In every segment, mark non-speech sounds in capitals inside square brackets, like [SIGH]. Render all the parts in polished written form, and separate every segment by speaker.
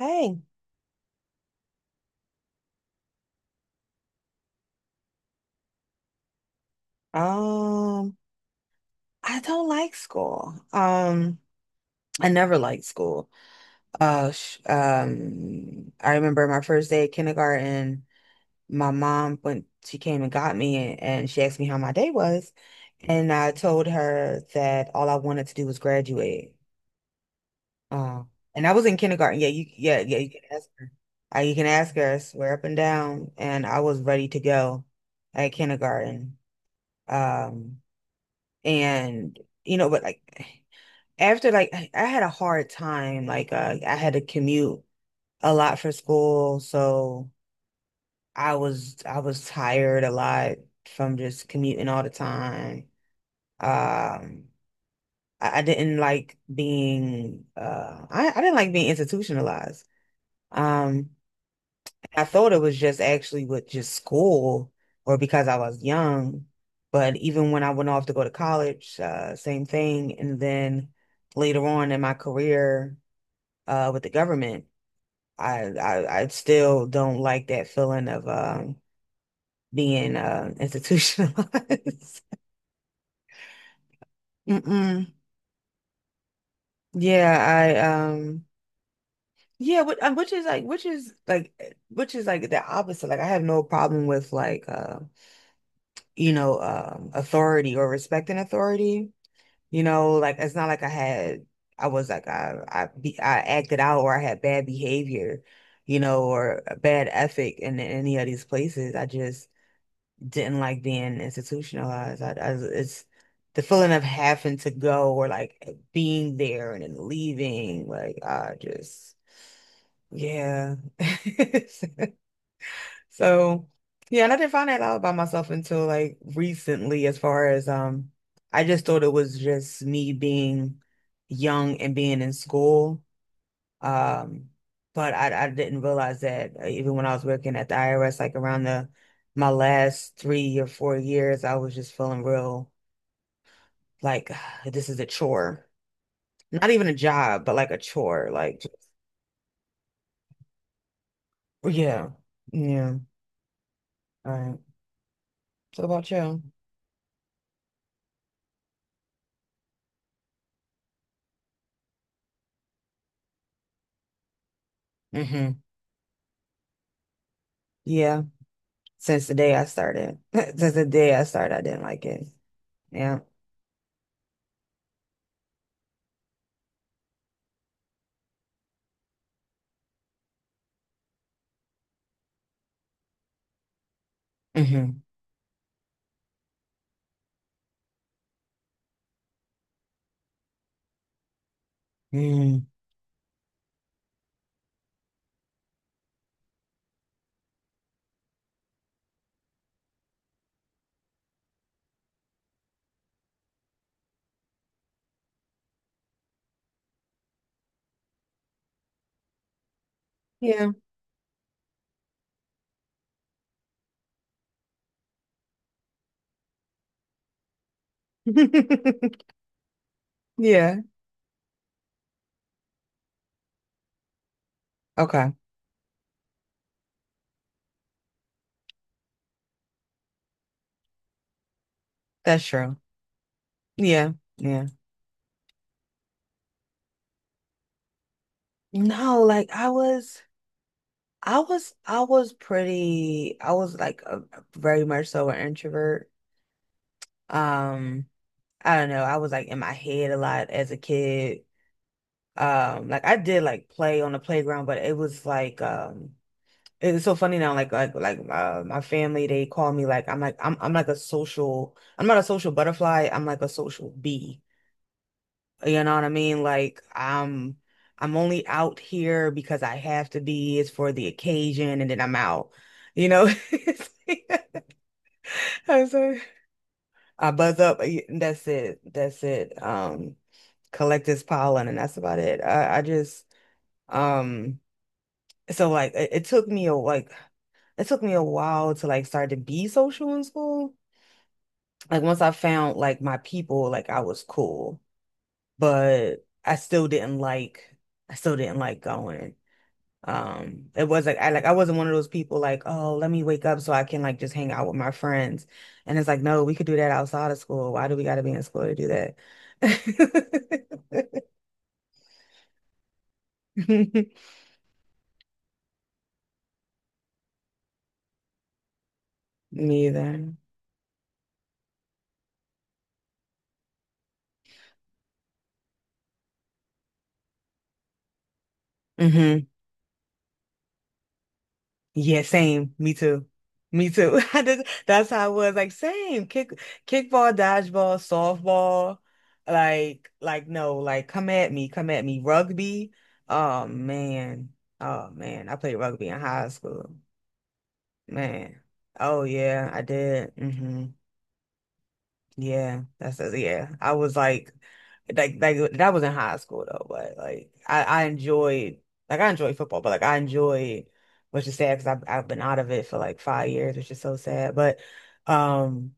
Speaker 1: Hey, um, I don't like school. I never liked school. Sh I remember my first day at kindergarten. My mom went, she came and got me, and she asked me how my day was, and I told her that all I wanted to do was graduate. Uh, and I was in kindergarten. Yeah, yeah. You can ask her. You can ask her. I swear up and down, and I was ready to go at kindergarten. Um. And you know but like After I had a hard time like I had to commute a lot for school, so I was tired a lot from just commuting all the time. um I didn't like being I didn't like being institutionalized. um I thought it was just actually with just school or because I was young. But even when I went off to go to college, same thing. And then later on in my career, with the government, I still don't like that feeling of being institutionalized. [LAUGHS] Mm-mm. Yeah, I yeah, which is like the opposite. Like I have no problem with authority or respecting authority. You know, like it's not like I had, I was like I, be, I acted out or I had bad behavior, you know, or a bad ethic in any of these places. I just didn't like being institutionalized. It's the feeling of having to go or like being there and then leaving. Like I just, yeah. [LAUGHS] So yeah, and I didn't find that out about myself until like recently, as far as I just thought it was just me being young and being in school. Um, but I didn't realize that even when I was working at the IRS, like around the my last 3 or 4 years, I was just feeling real like [SIGHS] this is a chore. Not even a job, but like a chore. Like yeah. Yeah. All right. So about you? Mm-hmm. Yeah. Since the day I started. [LAUGHS] Since the day I started, I didn't like it. Yeah. hmm hmm Yeah. [LAUGHS] Yeah. Okay. That's true. Yeah. Yeah. No, I was pretty, I was like a, very much so an introvert. Um, I don't know. I was like in my head a lot as a kid. Like I did like play on the playground, but it's so funny now, like my family, they call me I'm not a social butterfly, I'm like a social bee. You know what I mean? I'm only out here because I have to be, it's for the occasion, and then I'm out. You know? [LAUGHS] I'm sorry. I buzz up, y- That's it. That's it. Collect this pollen and that's about it. I just um so it took me a like it took me a while to like start to be social in school. Like once I found like my people, like I was cool, but I still didn't like going. It was like I wasn't one of those people like, oh, let me wake up so I can like just hang out with my friends. And it's like, no, we could do that outside of school. Why do we gotta be in school to do that? [LAUGHS] Me either. hmm Yeah, same. Me too. Me too. [LAUGHS] I just- That's how it was. Like same. Kickball, dodgeball, softball. No, like come at me. Rugby. Oh man. Oh man. I played rugby in high school. Man. Oh yeah, I did. Mm-hmm. Yeah. I was Like that was in high school though, but I enjoyed, like I enjoyed football, but like I enjoyed, which is sad because I've been out of it for like 5 years, which is so sad. But, um,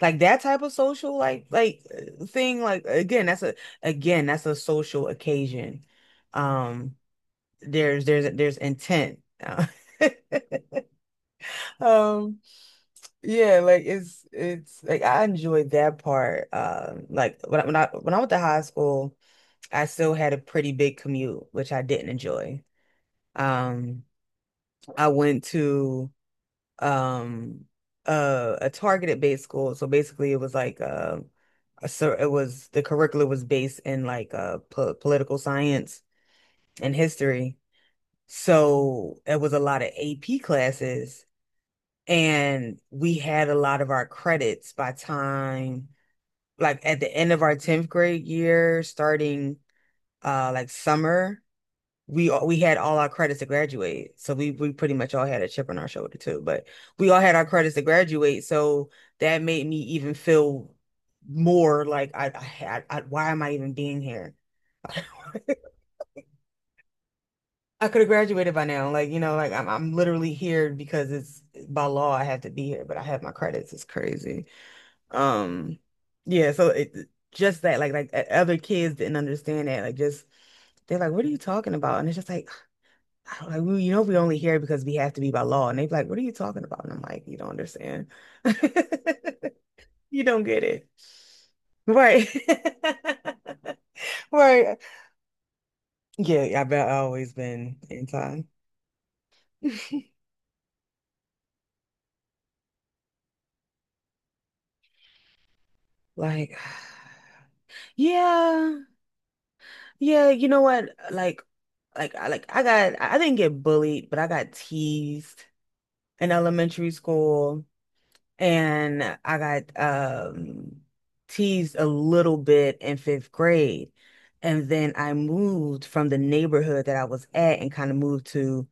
Speaker 1: like that type of social thing, like again that's a social occasion. Um, there's there's intent. [LAUGHS] Um, yeah, like it's like I enjoyed that part. Like when I went to high school, I still had a pretty big commute, which I didn't enjoy. Um, I went to um a targeted based school, so basically it was like a so it was the curriculum was based in like po political science and history, so it was a lot of AP classes, and we had a lot of our credits by time. At the end of our 10th grade year, starting summer, we had all our credits to graduate. So we pretty much all had a chip on our shoulder too, but we all had our credits to graduate. So that made me even feel more like I, had, I why am I even being here? [LAUGHS] I could have graduated by now. Like, you know, I'm literally here because it's by law I have to be here, but I have my credits. It's crazy. Um, yeah, so it just that like o- other kids didn't understand that. Like just they're like, "What are you talking about?" And it's just like, [SIGHS] I don't, like we, you know, we only hear it because we have to be by law. And they're like, "What are you talking about?" And I'm like, "You don't understand. [LAUGHS] You don't get it." Right. [LAUGHS] Right. Yeah, I bet I've always been anti. [LAUGHS] Like, [SIGHS] yeah, yeah, you know what? Like, I didn't get bullied, but I got teased in elementary school, and I got teased a little bit in fifth grade. And then I moved from the neighborhood that I was at and kind of moved to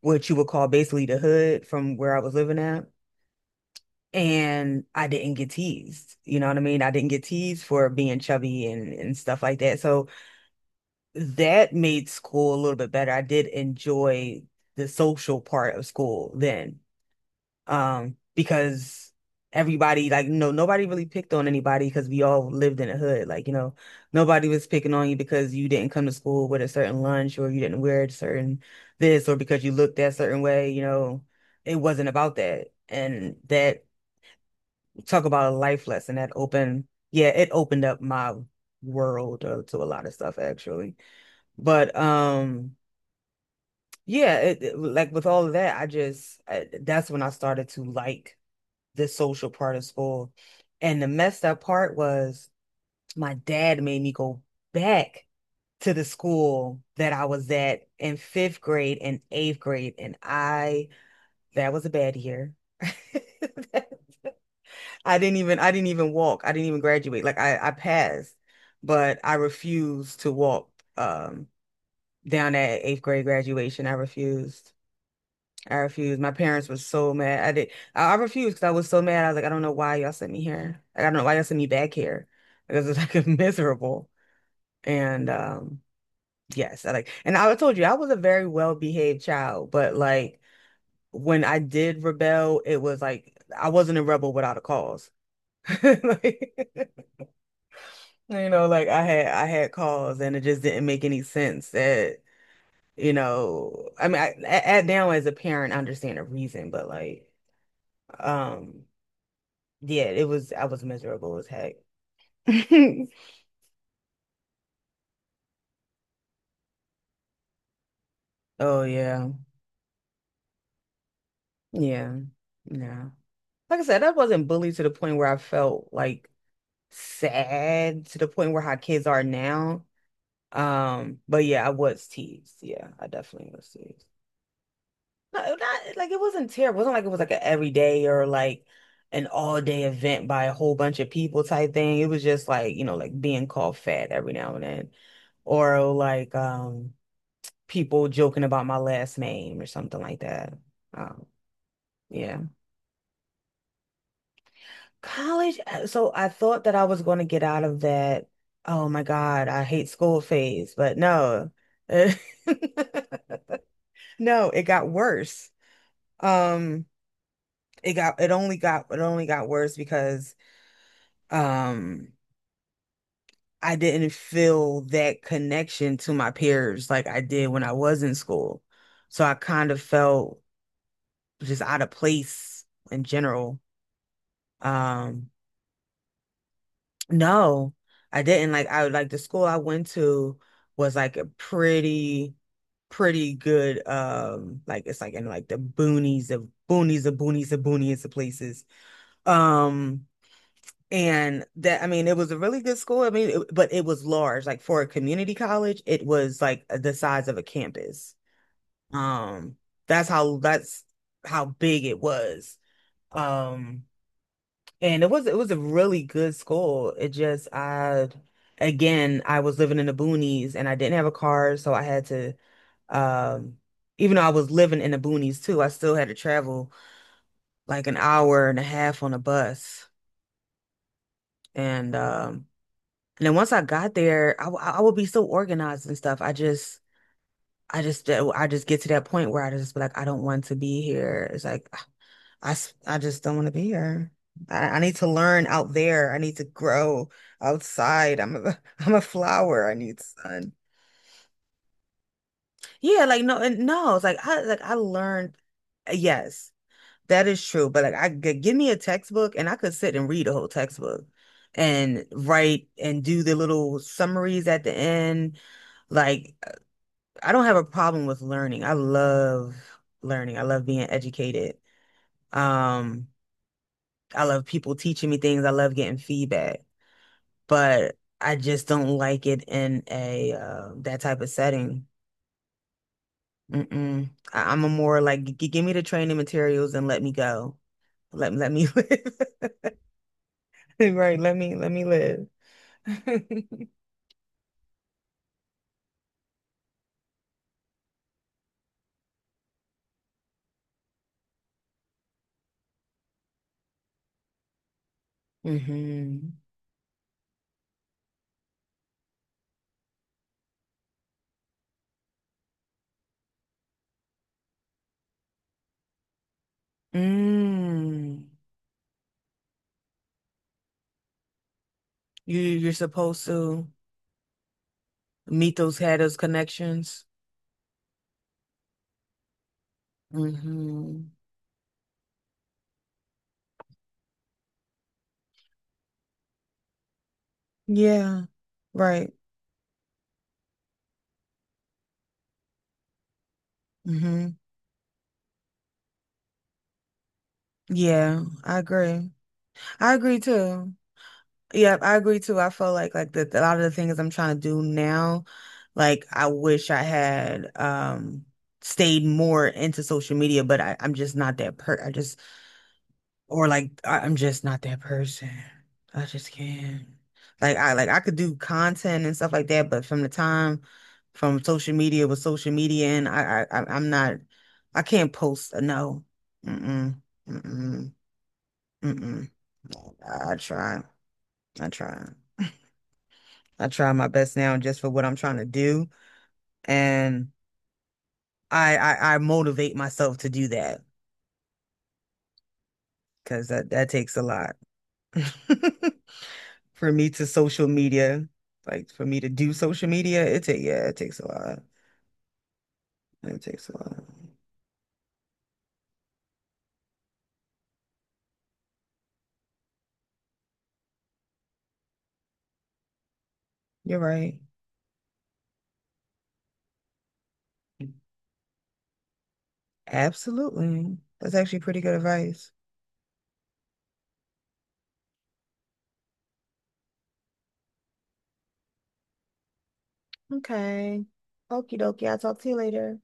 Speaker 1: what you would call basically the hood from where I was living at. And I didn't get teased. You know what I mean? I didn't get teased for being chubby and stuff like that. So that made school a little bit better. I did enjoy the social part of school then, because everybody like no nobody really picked on anybody because we all lived in a hood. Like, you know, nobody was picking on you because you didn't come to school with a certain lunch or you didn't wear a certain this or because you looked that certain way, you know. It wasn't about that. And that, talk about a life lesson that opened, yeah, it opened up my world to a lot of stuff actually. But yeah, like with all of that, that's when I started to like the social part of school. And the messed up part was my dad made me go back to the school that I was at in fifth grade, and eighth grade. That was a bad year. [LAUGHS] I didn't even walk. I didn't even graduate. I passed, but I refused to walk, um, down at eighth grade graduation. I refused. I refused. My parents were so mad. I did. I refused because I was so mad. I was like, I don't know why y'all sent me here. Like, I don't know why y'all sent me back here. Because it's like [LAUGHS] miserable. And yes, I like. And I told you I was a very well-behaved child, but like when I did rebel, it was like I wasn't a rebel without a cause. [LAUGHS] Like, you know, like I had cause, and it just didn't make any sense that you know. I mean, at now as a parent, I understand the reason, but like. Um, Yeah, I was miserable as heck. [LAUGHS] Oh, yeah. Yeah. Yeah. Like I said, I wasn't bullied to the point where I felt like sad to the point where how kids are now. But yeah, I was teased. Yeah, I definitely was teased. No, not like it wasn't terrible. It wasn't like it was like an everyday or like an all day event by a whole bunch of people type thing. It was just like, you know, like being called fat every now and then. Or like people joking about my last name or something like that. Um, yeah. College. So I thought that I was going to get out of that. Oh my God, I hate school phase, but no. [LAUGHS] No, it got worse. Um, it got it only got it only got worse because um I didn't feel that connection to my peers like I did when I was in school. So I kind of felt just out of place in general. Um, No, I didn't. Like the school I went to was like a pretty good like it's like in like the boonies of places. Um and that I mean it was a really good school. I mean it, but it was large. Like for a community college, it was like the size of a campus. Um that's how big it was. Um and it was a really good school. It just I again I was living in the boonies and I didn't have a car, so I had to um even though I was living in the boonies too, I still had to travel like an hour and a half on a bus. And and then once I got there, I would be so organized and stuff. I just get to that point where I just be like I don't want to be here. It's like I just don't want to be here. I need to learn out there. I need to grow outside. I'm a [LAUGHS] I'm a flower. I need sun. Yeah, like no, and no, it's like I learned. Yes, that is true. But like give me a textbook and I could sit and read a whole textbook and write and do the little summaries at the end. Like I don't have a problem with learning. I love learning. I love being educated. Um, I love people teaching me things. I love getting feedback, but I just don't like it in a that type of setting. Mm-mm. I'm a more like give me the training materials and let me go. Let me [LAUGHS] live. Right, let me live. [LAUGHS] Hmm. Mm. You you're supposed to meet those had those connections. Hmm. Yeah. Right. Hmm. Yeah, I agree. I agree too. Yeah, I agree too. I feel like that a lot of the things I'm trying to do now, like I wish I had stayed more into social media, but I, I'm just not that per I just or like I, I'm just not that person. I just can't. Like I could do content and stuff like that, but from the time from social media with social media and I'm not I can't post a no. Mm-mm. Mm-mm. Mm-mm. I try. I try. I try my best now just for what I'm trying to do. And I motivate myself to do that because that takes a lot. [LAUGHS] For me to social media, like for me to do social media, it take yeah, it takes a lot. It takes a lot. You're right. Absolutely. That's actually pretty good advice. Okay. Okie dokie. I'll talk to you later.